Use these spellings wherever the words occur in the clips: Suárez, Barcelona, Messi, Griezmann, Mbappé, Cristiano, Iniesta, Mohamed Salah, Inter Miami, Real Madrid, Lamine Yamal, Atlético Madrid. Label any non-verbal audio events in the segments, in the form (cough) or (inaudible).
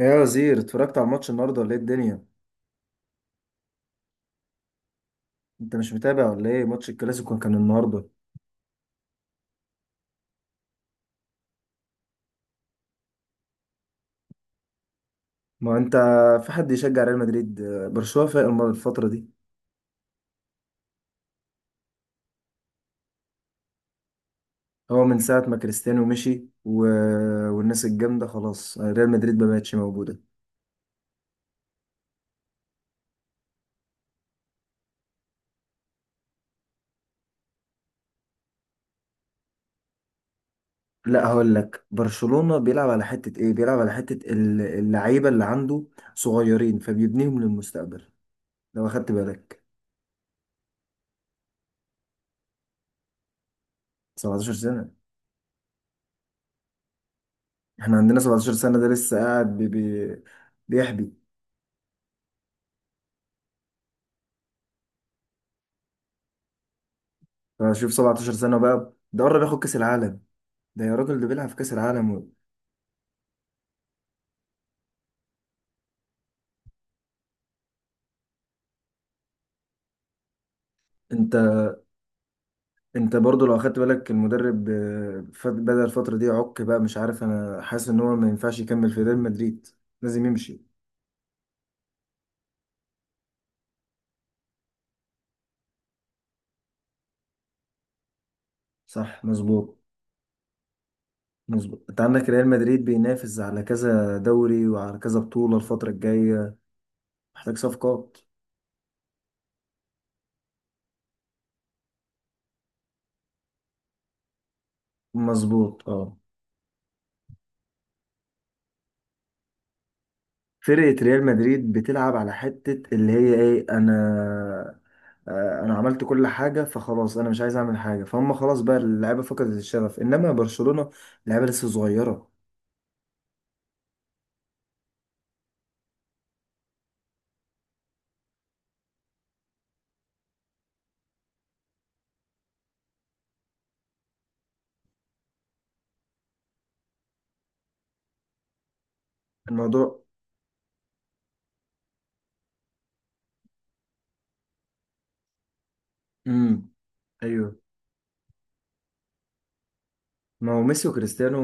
ايه يا وزير، اتفرجت على الماتش النهارده ولا ايه الدنيا؟ انت مش متابع ولا ايه؟ ماتش الكلاسيكو كان النهارده. ما انت، في حد يشجع ريال مدريد؟ برشلونة فايق الفترة دي. هو من ساعة ما كريستيانو مشي والناس الجامدة، خلاص ريال مدريد ما بقتش موجودة. لا، هقول لك برشلونة بيلعب على حتة ايه، بيلعب على حتة اللعيبة اللي عنده صغيرين فبيبنيهم للمستقبل. لو اخدت بالك 17 سنة. احنا عندنا 17 سنة ده لسه قاعد بيحبي. فشوف 17 سنة بقى، ده قرب ياخد كأس العالم. ده يا راجل ده بيلعب في كأس العالم. انت انت برضو لو اخدت بالك المدرب، بدأ الفترة دي عك بقى، مش عارف، انا حاسس ان هو ما ينفعش يكمل في ريال مدريد، لازم يمشي. صح، مظبوط. مظبوط، انت عندك ريال مدريد بينافس على كذا دوري وعلى كذا بطولة الفترة الجاية، محتاج صفقات. مظبوط، اه. فرقة ريال مدريد بتلعب على حتة اللي هي ايه، انا انا عملت كل حاجة، فخلاص انا مش عايز اعمل حاجة، فهم خلاص بقى اللعيبة فقدت الشغف. انما برشلونة اللعيبة لسه صغيرة. الموضوع. امم ايوه. ما هو ميسي وكريستيانو،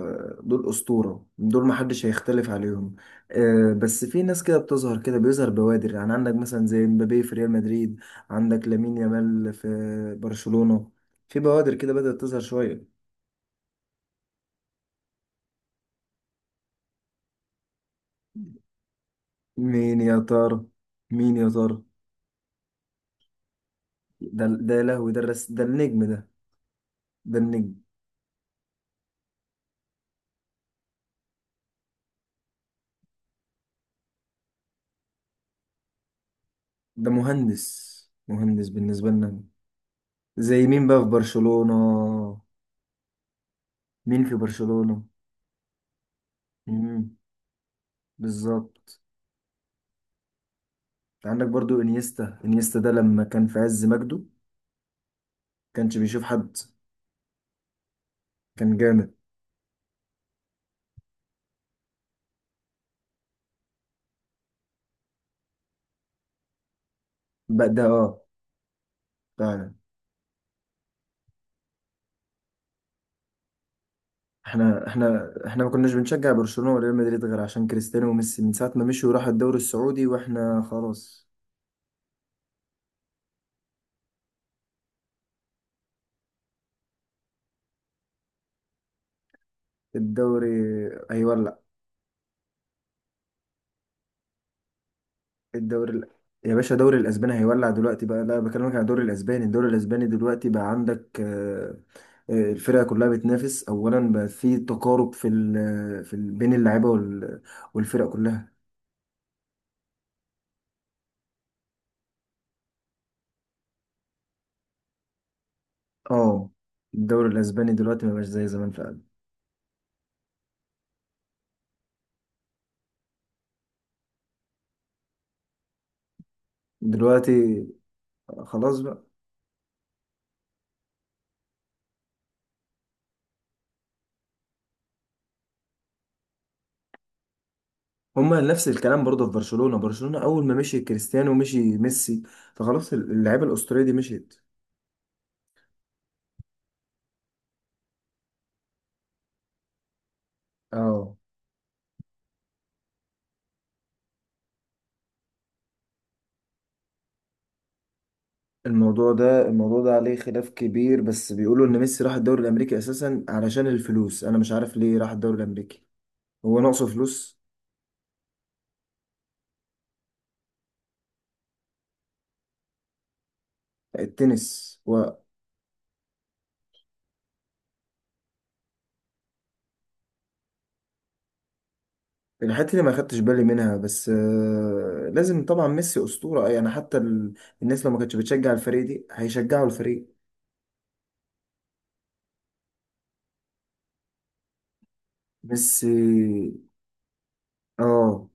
دول أسطورة، دول محدش هيختلف عليهم. بس في ناس كده بتظهر، كده بيظهر بوادر، يعني عندك مثلا زي مبابي في ريال مدريد، عندك لامين يامال في برشلونة. في بوادر كده بدأت تظهر شوية. مين يا ترى؟ مين يا ترى؟ ده يا لهوي، ده الرس، ده النجم ده، ده النجم. ده مهندس، مهندس بالنسبة لنا. زي مين بقى في برشلونة؟ مين في برشلونة؟ مم. بالظبط. انت عندك برضو انيستا، انيستا ده لما كان في عز مجده كانش بيشوف حد، كان جامد. بقى ده، اه، فعلا. احنا ما كناش بنشجع برشلونة وريال مدريد غير عشان كريستيانو وميسي. من ساعة ما مشوا وراحوا الدوري السعودي، واحنا خلاص. الدوري هيولع. الدوري يا باشا، الدوري الاسباني هيولع دلوقتي بقى. لا، بكلمك عن الدوري الاسباني. الدوري الاسباني دلوقتي بقى عندك، الفرقه كلها بتنافس اولا بقى. في تقارب في بين اللعيبه والفرق كلها. اه، الدوري الاسباني دلوقتي ما بقاش زي زمان فعلا. دلوقتي خلاص بقى. هما نفس الكلام برضه في برشلونه، برشلونه اول ما مشي كريستيانو مشي ميسي، فخلاص اللعيبه الاسطوريه دي مشيت. اه. الموضوع ده عليه خلاف كبير، بس بيقولوا ان ميسي راح الدوري الامريكي اساسا علشان الفلوس. انا مش عارف ليه راح الدوري الامريكي. هو ناقصه فلوس؟ التنس. والحته اللي ما خدتش بالي منها، بس لازم طبعا ميسي اسطوره يعني. حتى الناس لو ما كانتش بتشجع الفريق دي هيشجعوا الفريق. ميسي. اه.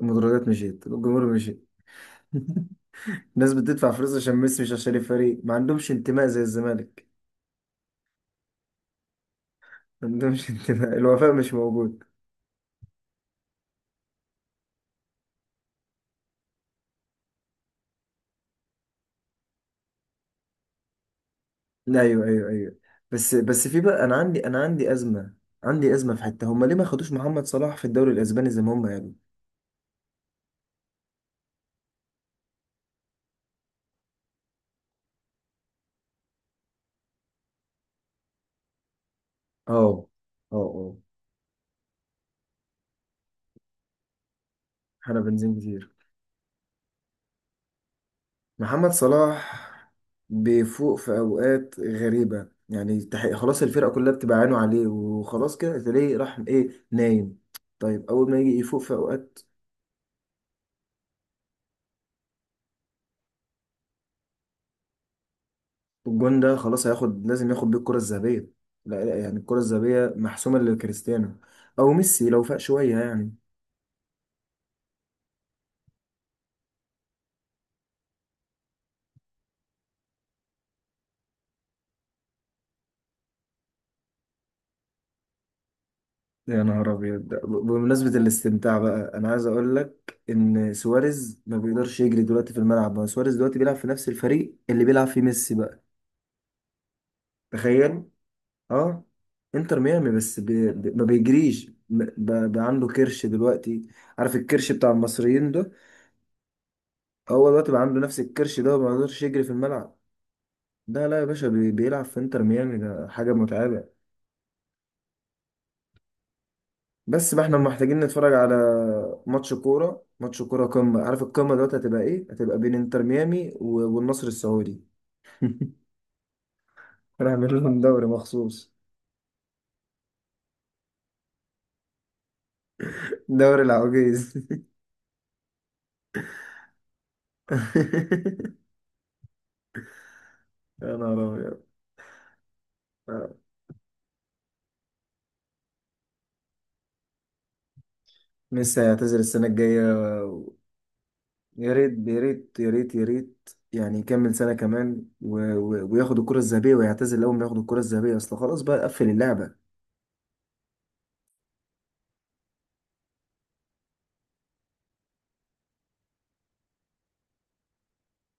المدرجات مشيت، الجمهور مشيت. (laughs) الناس بتدفع فلوس عشان ميسي، مش عشان الفريق. ما عندهمش انتماء زي الزمالك. ما عندهمش (laughs) انتماء، الوفاء مش موجود. لا، ايوه، ايوه، ايوه. بس في بقى، انا عندي ازمه، عندي ازمه في حته. هم ليه ما خدوش محمد صلاح في الدوري الاسباني زي ما هم يعني؟ اه، اه، اه. احنا بنزين كتير. محمد صلاح بيفوق في اوقات غريبه يعني، خلاص الفرقه كلها بتبقى عينه عليه وخلاص، كده تلاقيه راح ايه، نايم. طيب اول ما يجي يفوق في اوقات، الجون ده خلاص هياخد، لازم ياخد بيه الكره الذهبيه. لا، لا، يعني الكره الذهبيه محسومه لكريستيانو او ميسي لو فاق شويه يعني. يا نهار أبيض. بمناسبة الاستمتاع بقى، أنا عايز أقول لك إن سواريز ما بيقدرش يجري دلوقتي في الملعب، ما هو سواريز دلوقتي بيلعب في نفس الفريق اللي بيلعب فيه ميسي بقى. تخيل. أه، إنتر ميامي بس ما بيجريش، بقى عنده كرش دلوقتي. عارف الكرش بتاع المصريين ده، هو دلوقتي بقى عنده نفس الكرش ده وما بيقدرش يجري في الملعب. لا، لا يا باشا، بيلعب في إنتر ميامي، ده حاجة متعبة. بس بقى احنا محتاجين نتفرج على ماتش كورة. ماتش كورة قمة. عارف القمة دلوقتي هتبقى ايه؟ هتبقى بين انتر ميامي والنصر السعودي. (laughs) هنعمل لهم دوري مخصوص. دوري العواجيز. (laughs) يا نهار أبيض. ميسي هيعتزل السنة الجاية؟ يا ريت، يا ريت، يا ريت، يا ريت، يعني يكمل سنة كمان وياخد الكرة الذهبية، ويعتزل أول ما ياخد الكرة الذهبية، أصل خلاص بقى قفل اللعبة.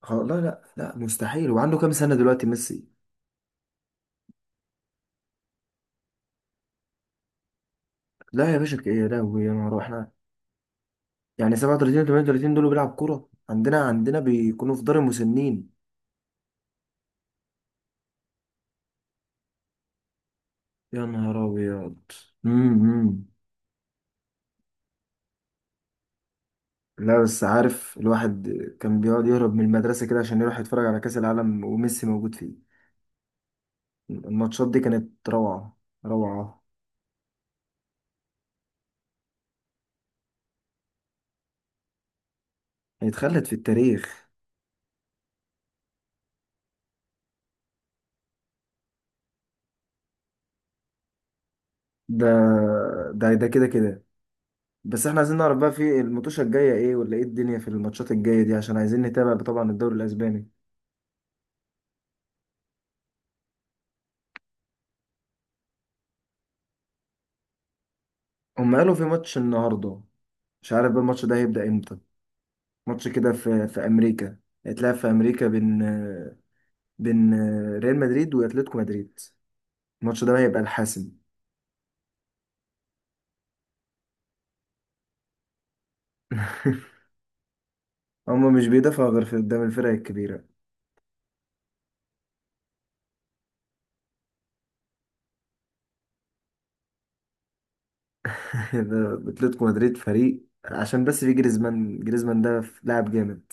خلاص، لا، لا، لا، مستحيل. وعنده كام سنة دلوقتي ميسي؟ لا يا باشا، يا لهوي، يا نهار أبيض. احنا يعني 37 و 38 دول بيلعب كورة؟ عندنا، عندنا بيكونوا في دار المسنين. يا نهار أبيض. امم لا بس عارف الواحد كان بيقعد يهرب من المدرسة كده عشان يروح يتفرج على كأس العالم وميسي موجود فيه. الماتشات دي كانت روعة، روعة. هيتخلد في التاريخ. ده ده كده كده. بس احنا عايزين نعرف بقى في الماتشة الجاية ايه، ولا ايه الدنيا في الماتشات الجاية دي، عشان عايزين نتابع طبعا الدوري الأسباني. هم قالوا في ماتش النهاردة، مش عارف بقى الماتش ده هيبدأ امتى. ماتش كده في امريكا. هيتلعب في امريكا بين ريال مدريد واتلتيكو مدريد. الماتش ده هيبقى الحاسم. (laughs) هما مش بيدافعوا غير في قدام الفرق الكبيرة. (laughs) ده اتلتيكو مدريد فريق عشان بس في جريزمان، جريزمان ده لاعب جامد.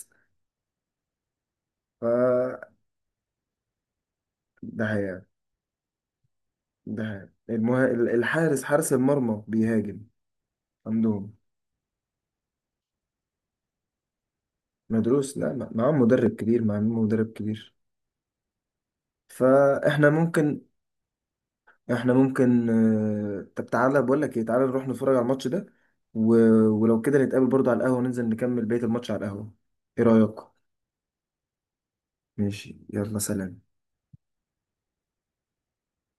ف، ده حقيقة، ده حقيقة الحارس، حارس المرمى بيهاجم عندهم. مدروس، لا، معاهم مدرب كبير، معاهم مدرب كبير. فاحنا ممكن، احنا ممكن، طب تعالى بقول لك ايه، تعالى نروح نتفرج على الماتش ده و... ولو كده نتقابل برضه على القهوة، ننزل نكمل بقية الماتش على القهوة. ايه رأيك؟ ماشي، يلا، سلام.